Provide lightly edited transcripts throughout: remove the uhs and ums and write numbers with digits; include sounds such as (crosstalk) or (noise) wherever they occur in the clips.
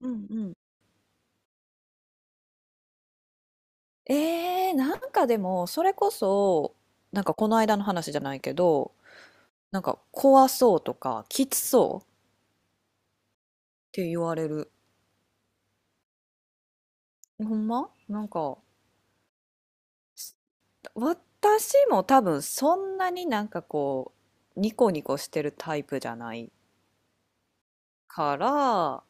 うんうん。なんかでもそれこそこの間の話じゃないけど、なんか怖そうとかきつそうって言われる。ほんまなんか私も多分そんなになんかこうニコニコしてるタイプじゃないから、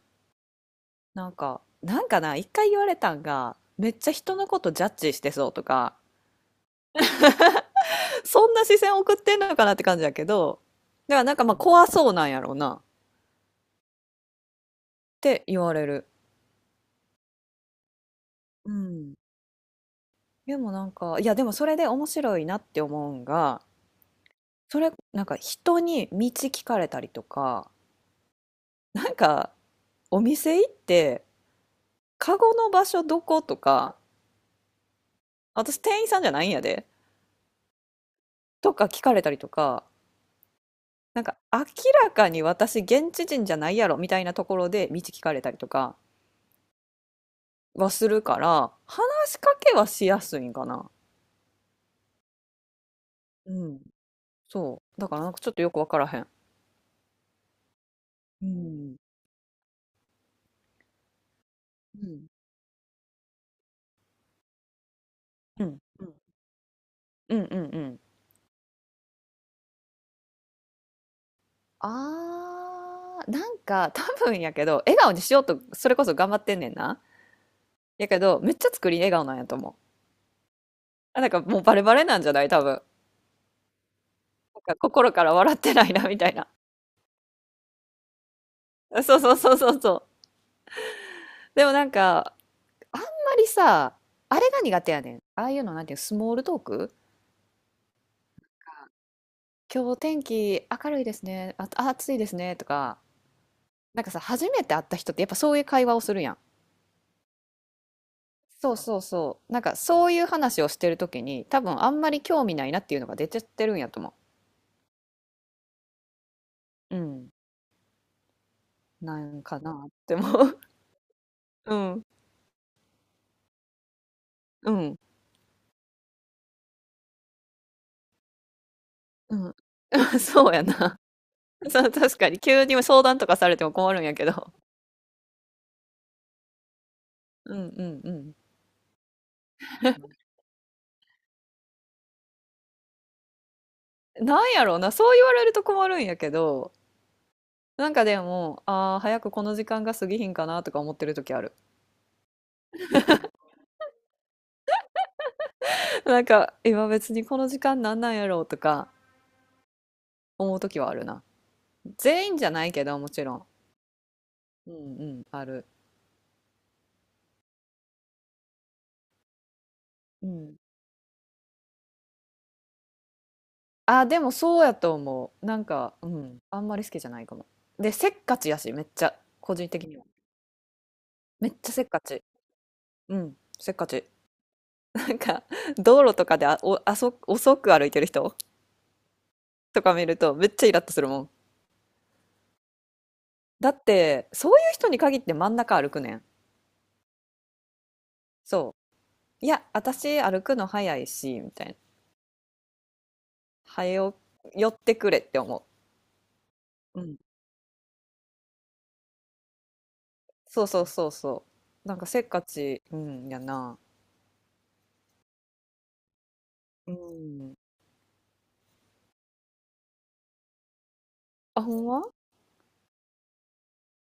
なんかな、一回言われたんがめっちゃ人のことジャッジしてそうとか、そんな視線送ってんのかなって感じだけど。だからなんかまあ怖そうなんやろうなって言われる。うん。でもなんか、いやでもそれで面白いなって思うんが、それなんか人に道聞かれたりとか、なんかお店行って、カゴの場所どことか、私店員さんじゃないんやで、とか聞かれたりとか、なんか明らかに私現地人じゃないやろみたいなところで道聞かれたりとかはするから、話しかけはしやすいんかな。うん。そう。だからなんかちょっとよくわからへん。うん。うん。うん。うん。うん。うん。うん。あー、なんか多分やけど、笑顔にしようと、それこそ頑張ってんねんな。やけど、めっちゃ作り笑顔なんやと思う。あ、なんかもうバレバレなんじゃない多分。なんか心から笑ってないな、みたいな。(laughs) そうそうそうそうそう。でもなんか、あんまりさ、あれが苦手やねん。ああいうの、なんていうの、スモールトーク。今日天気明るいですね。あ、あ暑いですね。とか、なんかさ、初めて会った人ってやっぱそういう会話をするやん。そうそうそう。なんかそういう話をしてるときに多分あんまり興味ないなっていうのが出ちゃってるんやと思う。うん。なんかなって思う。(laughs) うん。うん。うん。(laughs) そうやな。そう、確かに急に相談とかされても困るんやけど。うんうんうん。なんやろうな、そう言われると困るんやけど、なんかでも、ああ、早くこの時間が過ぎひんかなとか思ってる時ある。(laughs) なんか、今別にこの時間なんなんやろうとか思う時はあるな。全員じゃないけど、もちろん。うんうん、ある。うん。あ、でもそうやと思う。なんか、うん。あんまり好きじゃないかも。で、せっかちやし、めっちゃ、個人的には。めっちゃせっかち。うん。せっかち。(laughs) なんか、道路とかであ、お、あそ、遅く歩いてる人 (laughs) とか見ると、めっちゃイラッとするもん。だって、そういう人に限って真ん中歩くねん。そう。いや、私歩くの早いし、みたいな。早よ寄ってくれって思う。うん。そうそうそうそう。なんかせっかち、うん、やな。うん。あ、ほんま。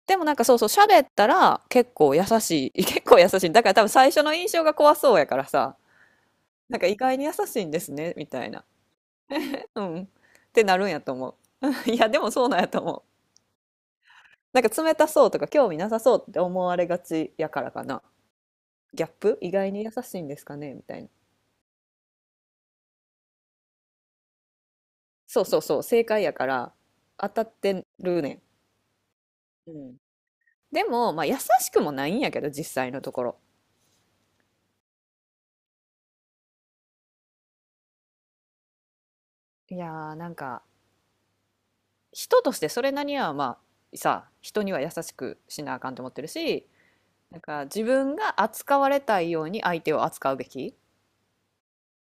でもなんかそうそう、喋ったら結構優しい。(laughs) 結構優しい。だから多分最初の印象が怖そうやからさ、なんか意外に優しいんですね、みたいな。うん。ってなるんやと思う。(laughs) いや、でもそうなんやと思う。なんか冷たそうとか興味なさそうって思われがちやからかな。ギャップ意外に優しいんですかねみたいな。そうそうそう、正解やから当たってるねん。うん。でも、まあ優しくもないんやけど、実際のところ。いやーなんか人としてそれなりにはまあさ、人には優しくしなあかんと思ってるし、なんか自分が扱われたいように相手を扱うべきっ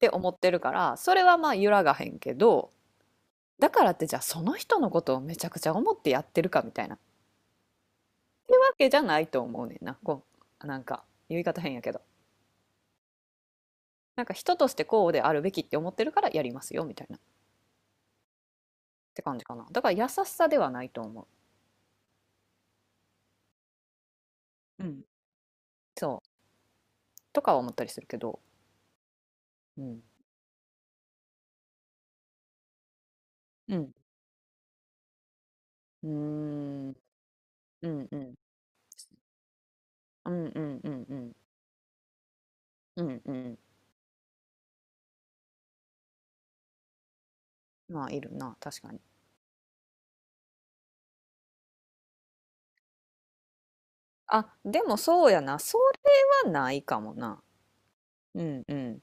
て思ってるから、それはまあ揺らがへんけど、だからってじゃあその人のことをめちゃくちゃ思ってやってるかみたいなってわけじゃないと思うねんな。こうなんか言い方変やけど、なんか人としてこうであるべきって思ってるからやりますよみたいなって感じかな。だから優しさではないと思う。うん。そうとかは思ったりするけど、うん、うん、うん、うん、うん、うんうんうんうん。うんうん。まあ、いるな、確かに。あ、でもそうやな。それはないかもな。うんうん。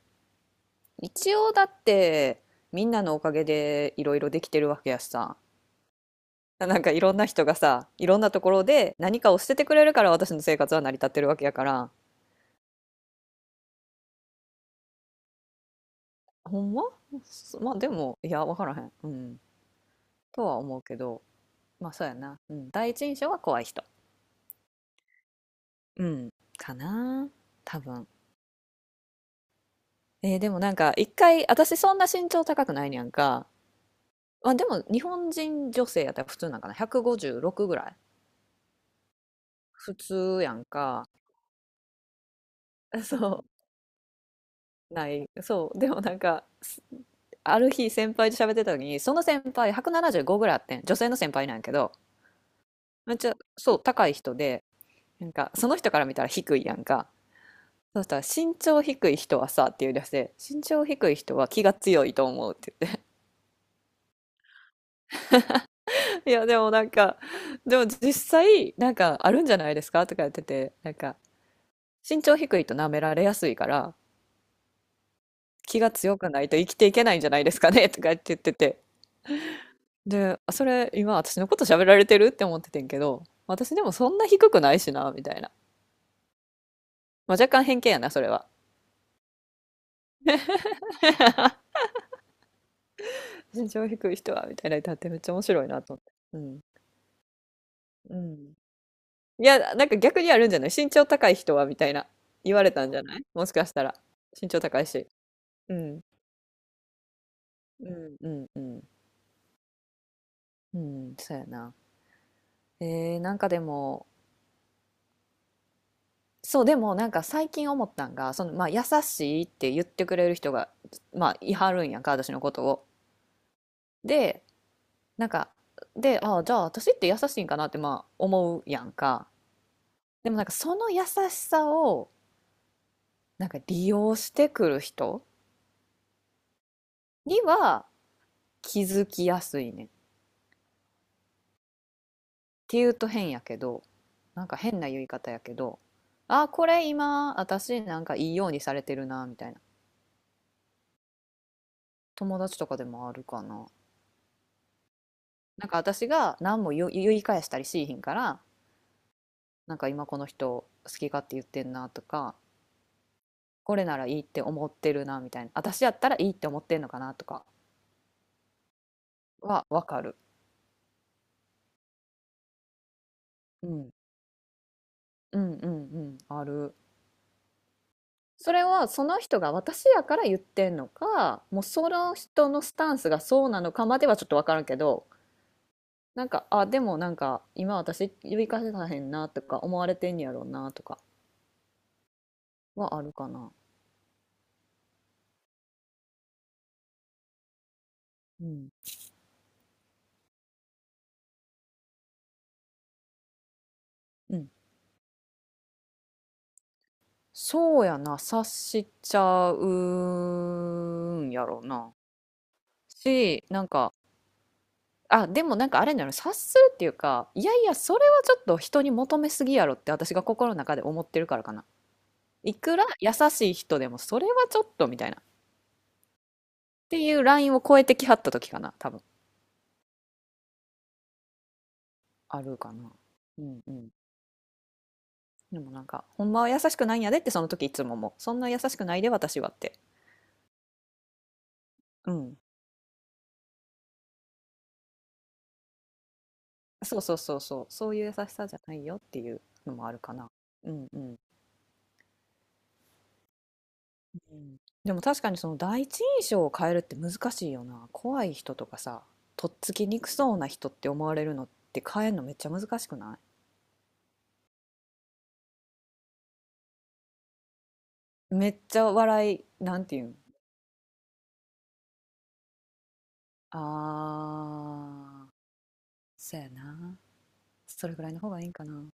一応だって、みんなのおかげでいろいろできてるわけやしさ。なんかいろんな人がさ、いろんなところで何かを捨ててくれるから私の生活は成り立ってるわけやから。ほんま。そ、まあでも、いや、わからへん。うん。とは思うけど、まあそうやな。うん。第一印象は怖い人。うん。かな。多分。えーでもなんか一回、私そんな身長高くないにゃんか、まあ、でも日本人女性やったら普通なんかな、156ぐらい普通やんか。 (laughs) そうない、そうでもなんかす、ある日先輩と喋ってた時に、その先輩175ぐらいあってん。女性の先輩なんやけど、めっちゃそう高い人で、なんかその人から見たら低いやんか。そしたら身長低い人はさって言い出して、身長低い人は気が強いと思うって。いや、でもなんか、でも実際、なんかあるんじゃないですかとかやってて、なんか、身長低いと舐められやすいから、気が強くないと生きていけないんじゃないですかねとかって言ってて。で、あそれ、今私のこと喋られてるって思っててんけど、私でもそんな低くないしな、みたいな。まあ、若干偏見やな、それは。身長低い人は、みたいな歌ってはってめっちゃ面白いなと思って。うん。うん。いや、なんか逆にあるんじゃない身長高い人は、みたいな。言われたんじゃないもしかしたら。身長高いし。うん。うん、うん、うん。うん、そうやな。なんかでも、そう、でもなんか最近思ったんが、その、まあ、優しいって言ってくれる人が、まあ、いはるんやんか、私のことを。で、なんか、で、ああ、じゃあ私って優しいんかなって、まあ、思うやんか。でもなんかその優しさを、なんか利用してくる人には気づきやすいねん。っていうと変やけど、なんか変な言い方やけど、ああ、これ今、私なんかいいようにされてるな、みたいな。友達とかでもあるかな。なんか私が何も言い返したりしいひんから、なんか今この人好き勝手言ってんなとか、これならいいって思ってるなみたいな、私やったらいいって思ってんのかなとかはわかる、うん、うんうんうんある。それはその人が私やから言ってんのか、もうその人のスタンスがそうなのかまではちょっとわからんけど、なんかあでもなんか今私言い返せたへんなとか思われてんやろうなとかはあるかな。うんうん。そうやな、察しちゃうんやろうな。し、なんか、あ、でもなんかあれなの、察するっていうか、いやいや、それはちょっと人に求めすぎやろって私が心の中で思ってるからかな。いくら優しい人でも、それはちょっとみたいな。っていうラインを超えてきはった時かな、多分。あるかな。うんうん。でもなんか、ほんまは優しくないんやでってその時いつももう、そんな優しくないで私はって。うん。そうそうそうそう、そういう優しさじゃないよっていうのもあるかな。うんうん。うん、でも確かにその第一印象を変えるって難しいよな。怖い人とかさ、とっつきにくそうな人って思われるのって変えるのめっちゃ難しくない、めっちゃ笑い、なんていうん、あー、そうやな。それぐらいの方がいいんかな。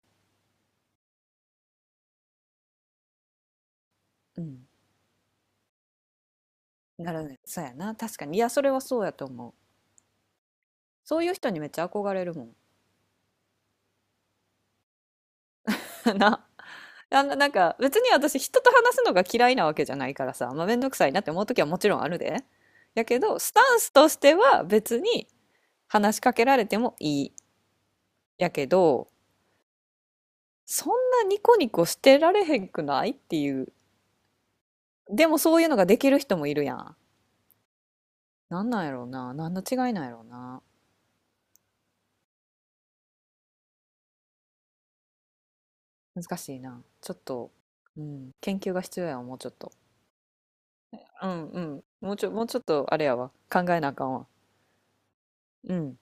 うん。なるね。そうやな。確かに。いや、それはそうやと思う。そういう人にめっちゃ憧れるもん。(laughs) な。あの、なんか、別に私、人と話すのが嫌いなわけじゃないからさ、まあ、めんどくさいなって思う時はもちろんあるで。やけど、スタンスとしては別に話しかけられてもいい。やけど、そんなニコニコしてられへんくないっていう。でもそういうのができる人もいるやん。なんなんやろうな。何の違いなんやろうな。難しいな。ちょっと、うん、研究が必要やわ、もうちょっと。うんうん。もうちょっと、あれやわ。考えなあかんわ。うん。